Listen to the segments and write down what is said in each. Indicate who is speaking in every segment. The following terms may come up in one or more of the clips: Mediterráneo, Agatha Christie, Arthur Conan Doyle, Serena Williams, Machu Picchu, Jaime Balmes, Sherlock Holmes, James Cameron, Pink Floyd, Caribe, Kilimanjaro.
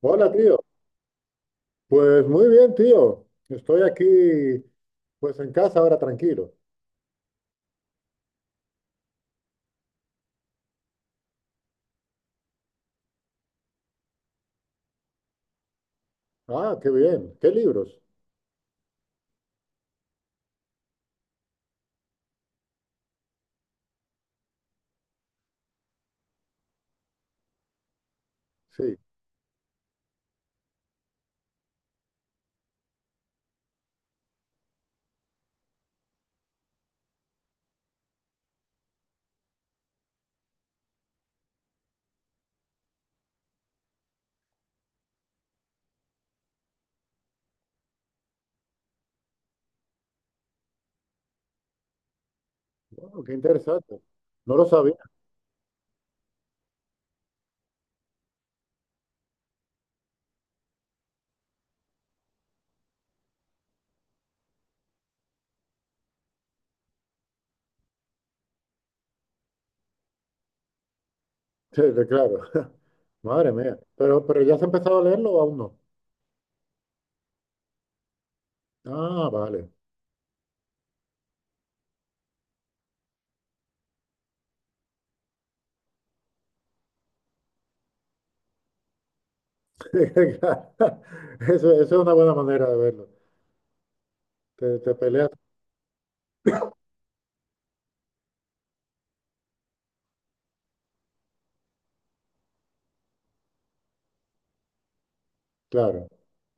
Speaker 1: Hola, tío. Pues muy bien, tío. Estoy aquí, pues en casa ahora tranquilo. Ah, qué bien. ¿Qué libros? Sí. Wow, qué interesante. No lo sabía. Sí, claro. Madre mía. Pero ¿ya has empezado a leerlo o aún no? Ah, vale. Eso es una buena manera de verlo. Te peleas. Claro.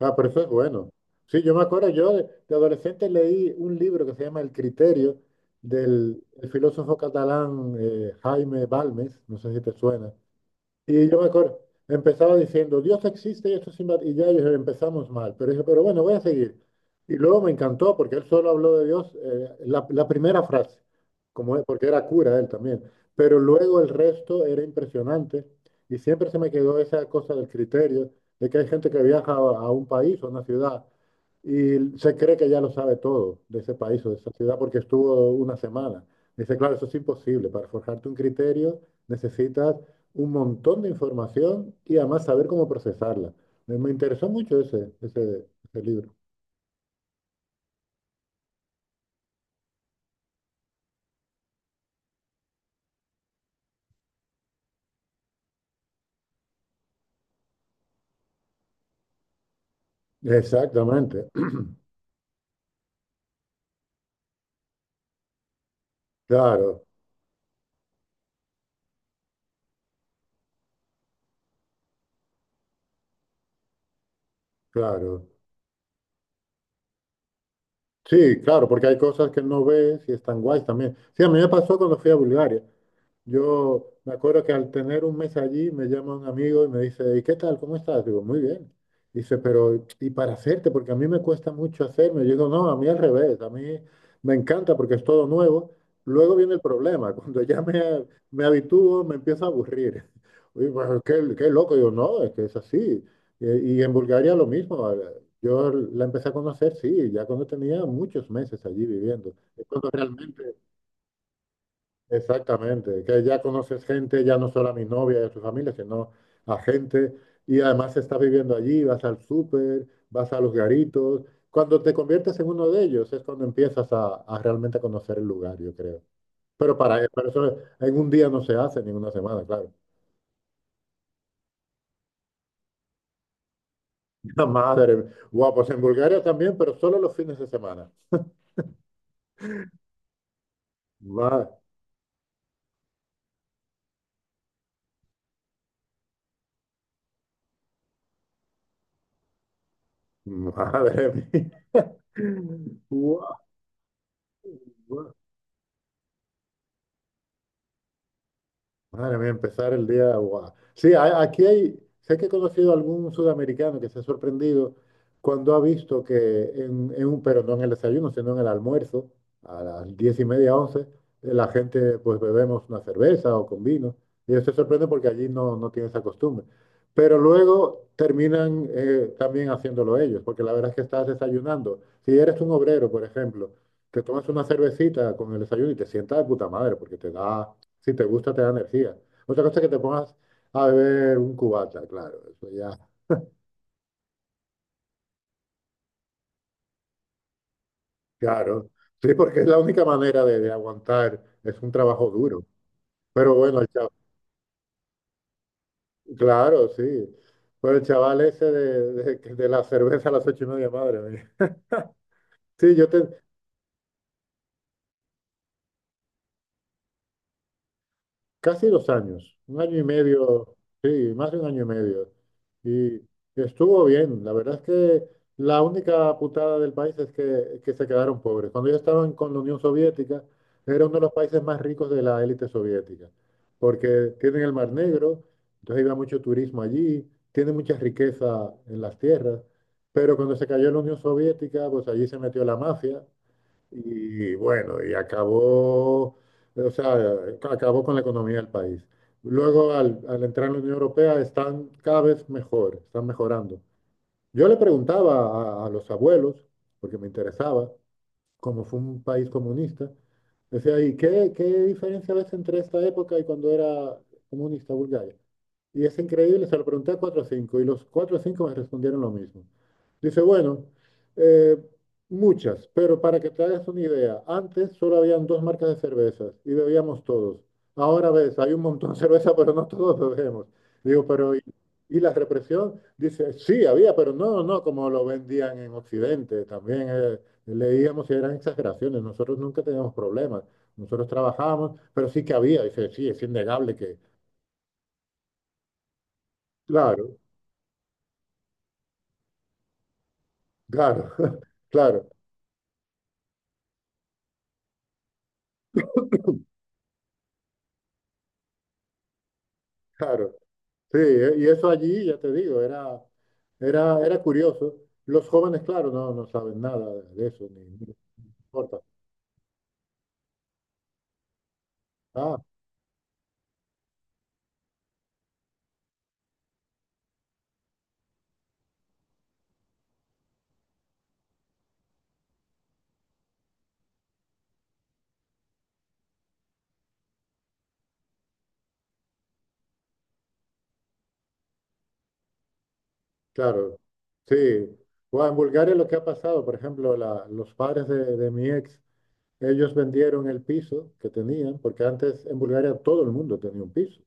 Speaker 1: Ah, pero eso es bueno. Sí, yo me acuerdo, yo de adolescente leí un libro que se llama El criterio del el filósofo catalán, Jaime Balmes, no sé si te suena, y yo me acuerdo, empezaba diciendo, "Dios existe y esto es inva-". Y ya empezamos mal, pero dije, pero bueno, voy a seguir. Y luego me encantó porque él solo habló de Dios, la primera frase, como, porque era cura él también, pero luego el resto era impresionante y siempre se me quedó esa cosa del criterio de que hay gente que viaja a un país o una ciudad y se cree que ya lo sabe todo de ese país o de esa ciudad porque estuvo una semana. Dice, claro, eso es imposible. Para forjarte un criterio necesitas un montón de información y además saber cómo procesarla. Me interesó mucho ese libro. Exactamente. Claro, claro. Sí, claro, porque hay cosas que no ves y están guays también. Sí, a mí me pasó cuando fui a Bulgaria. Yo me acuerdo que al tener un mes allí me llama un amigo y me dice, ¿y qué tal? ¿Cómo estás? Digo, muy bien. Dice, pero ¿y para hacerte? Porque a mí me cuesta mucho hacerme. Yo digo, no, a mí al revés, a mí me encanta porque es todo nuevo. Luego viene el problema, cuando ya me habitúo me empiezo a aburrir. Y bueno, qué loco, digo, no, es que es así. Y, en Bulgaria lo mismo. Yo la empecé a conocer, sí, ya cuando tenía muchos meses allí viviendo. Es cuando realmente... Exactamente, que ya conoces gente, ya no solo a mi novia y a su familia, sino a gente, y además estás viviendo allí, vas al súper, vas a los garitos. Cuando te conviertes en uno de ellos es cuando empiezas a realmente conocer el lugar, yo creo. Pero para eso en un día no se hace, ni en una semana, claro. Madre, guau, pues en Bulgaria también, pero solo los fines de semana. Ma- Madre mía. Guau, guau. Madre mía, empezar el día. Guau. Sí, aquí hay. Sé que he conocido a algún sudamericano que se ha sorprendido cuando ha visto que pero no en el desayuno, sino en el almuerzo, a las 10:30, 11, la gente pues bebemos una cerveza o con vino. Y ellos se sorprende porque allí no, no tiene esa costumbre. Pero luego terminan, también haciéndolo ellos, porque la verdad es que estás desayunando. Si eres un obrero, por ejemplo, te tomas una cervecita con el desayuno y te sientas de puta madre, porque te da, si te gusta, te da energía. Otra cosa es que te pongas a beber un cubata, claro, eso ya, claro. Sí, porque es la única manera de aguantar, es un trabajo duro. Pero bueno, el chaval, claro, sí. Pero el chaval ese de la cerveza a las 8:30, madre mía. Sí, casi 2 años, un año y medio, sí, más de un año y medio. Y estuvo bien. La verdad es que la única putada del país es que se quedaron pobres. Cuando ellos estaban con la Unión Soviética, era uno de los países más ricos de la élite soviética, porque tienen el Mar Negro, entonces iba mucho turismo allí, tiene mucha riqueza en las tierras, pero cuando se cayó la Unión Soviética, pues allí se metió la mafia y bueno, y acabó, o sea, acabó con la economía del país. Luego, al entrar en la Unión Europea, están cada vez mejor, están mejorando. Yo le preguntaba a los abuelos, porque me interesaba, como fue un país comunista, decía, ¿y qué diferencia ves entre esta época y cuando era comunista Bulgaria? Y es increíble, se lo pregunté a cuatro o cinco, y los cuatro o cinco me respondieron lo mismo. Dice, bueno, eh, muchas, pero para que te hagas una idea, antes solo habían dos marcas de cervezas y bebíamos todos. Ahora ves, hay un montón de cerveza, pero no todos bebemos. Digo, pero ¿y la represión? Dice, sí, había, pero no, no, como lo vendían en Occidente. También, leíamos y eran exageraciones. Nosotros nunca teníamos problemas. Nosotros trabajábamos, pero sí que había. Dice, sí, es innegable que... Claro, claro. Claro, claro. Sí, y eso allí, ya te digo, era, era curioso. Los jóvenes, claro, no, no saben nada de eso, ni les importa. Ah, claro, sí. Bueno, en Bulgaria lo que ha pasado, por ejemplo, los padres de mi ex, ellos vendieron el piso que tenían, porque antes en Bulgaria todo el mundo tenía un piso,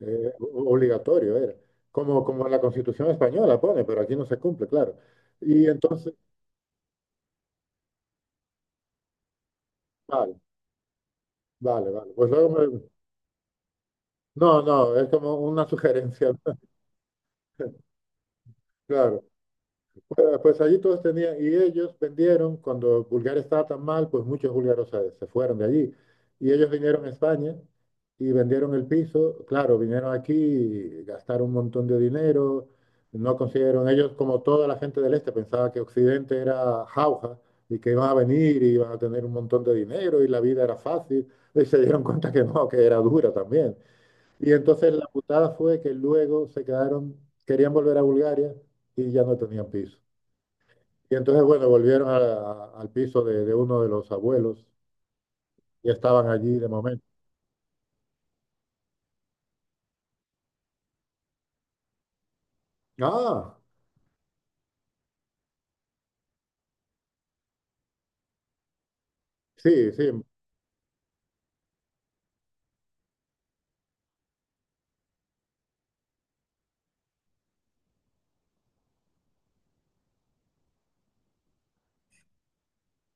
Speaker 1: obligatorio era, como la Constitución española pone, pero aquí no se cumple, claro. Y entonces, vale, vale, vale. Pues luego no, no, es como una sugerencia. Claro, pues allí todos tenían, y ellos vendieron, cuando Bulgaria estaba tan mal, pues muchos búlgaros se fueron de allí. Y ellos vinieron a España y vendieron el piso. Claro, vinieron aquí, y gastaron un montón de dinero, no consiguieron, ellos como toda la gente del este pensaba que Occidente era jauja y que iban a venir y iban a tener un montón de dinero y la vida era fácil. Y se dieron cuenta que no, que era dura también. Y entonces la putada fue que luego se quedaron, querían volver a Bulgaria y ya no tenían piso. Y entonces, bueno, volvieron al piso de uno de los abuelos y estaban allí de momento. Ah, sí, sí.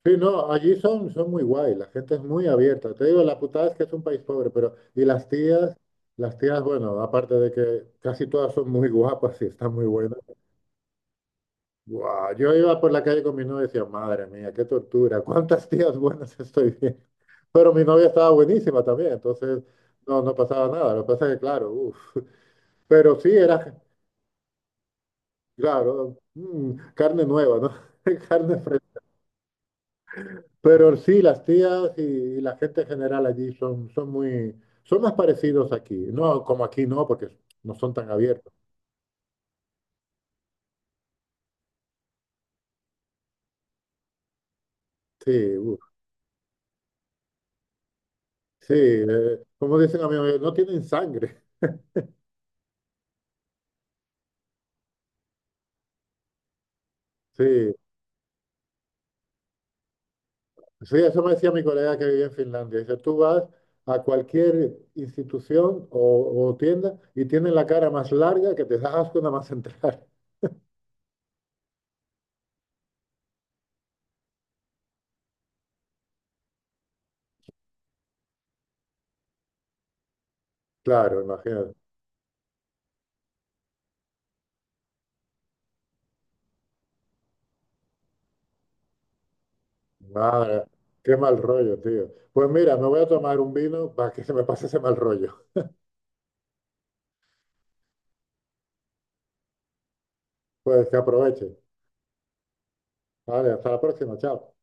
Speaker 1: Sí, no, allí son, muy guay, la gente es muy abierta. Te digo, la putada es que es un país pobre, pero... Y las tías, bueno, aparte de que casi todas son muy guapas y están muy buenas. Guau, yo iba por la calle con mi novia y decía, madre mía, qué tortura, ¿cuántas tías buenas estoy viendo? Pero mi novia estaba buenísima también, entonces no, no pasaba nada. Lo que pasa es que, claro, uf. Pero sí era, claro, mm, carne nueva, ¿no? Carne fresca. Pero sí, las tías y la gente en general allí son más parecidos aquí. No, como aquí no, porque no son tan abiertos. Sí, uf. Sí, como dicen amigos, no tienen sangre. Sí, sí, eso me decía mi colega que vivía en Finlandia. Dice, tú vas a cualquier institución o tienda y tienen la cara más larga que te das asco nada más entrar. Claro, imagínate. Madre, qué mal rollo, tío. Pues mira, me voy a tomar un vino para que se me pase ese mal rollo. Pues que aproveche. Vale, hasta la próxima. Chao.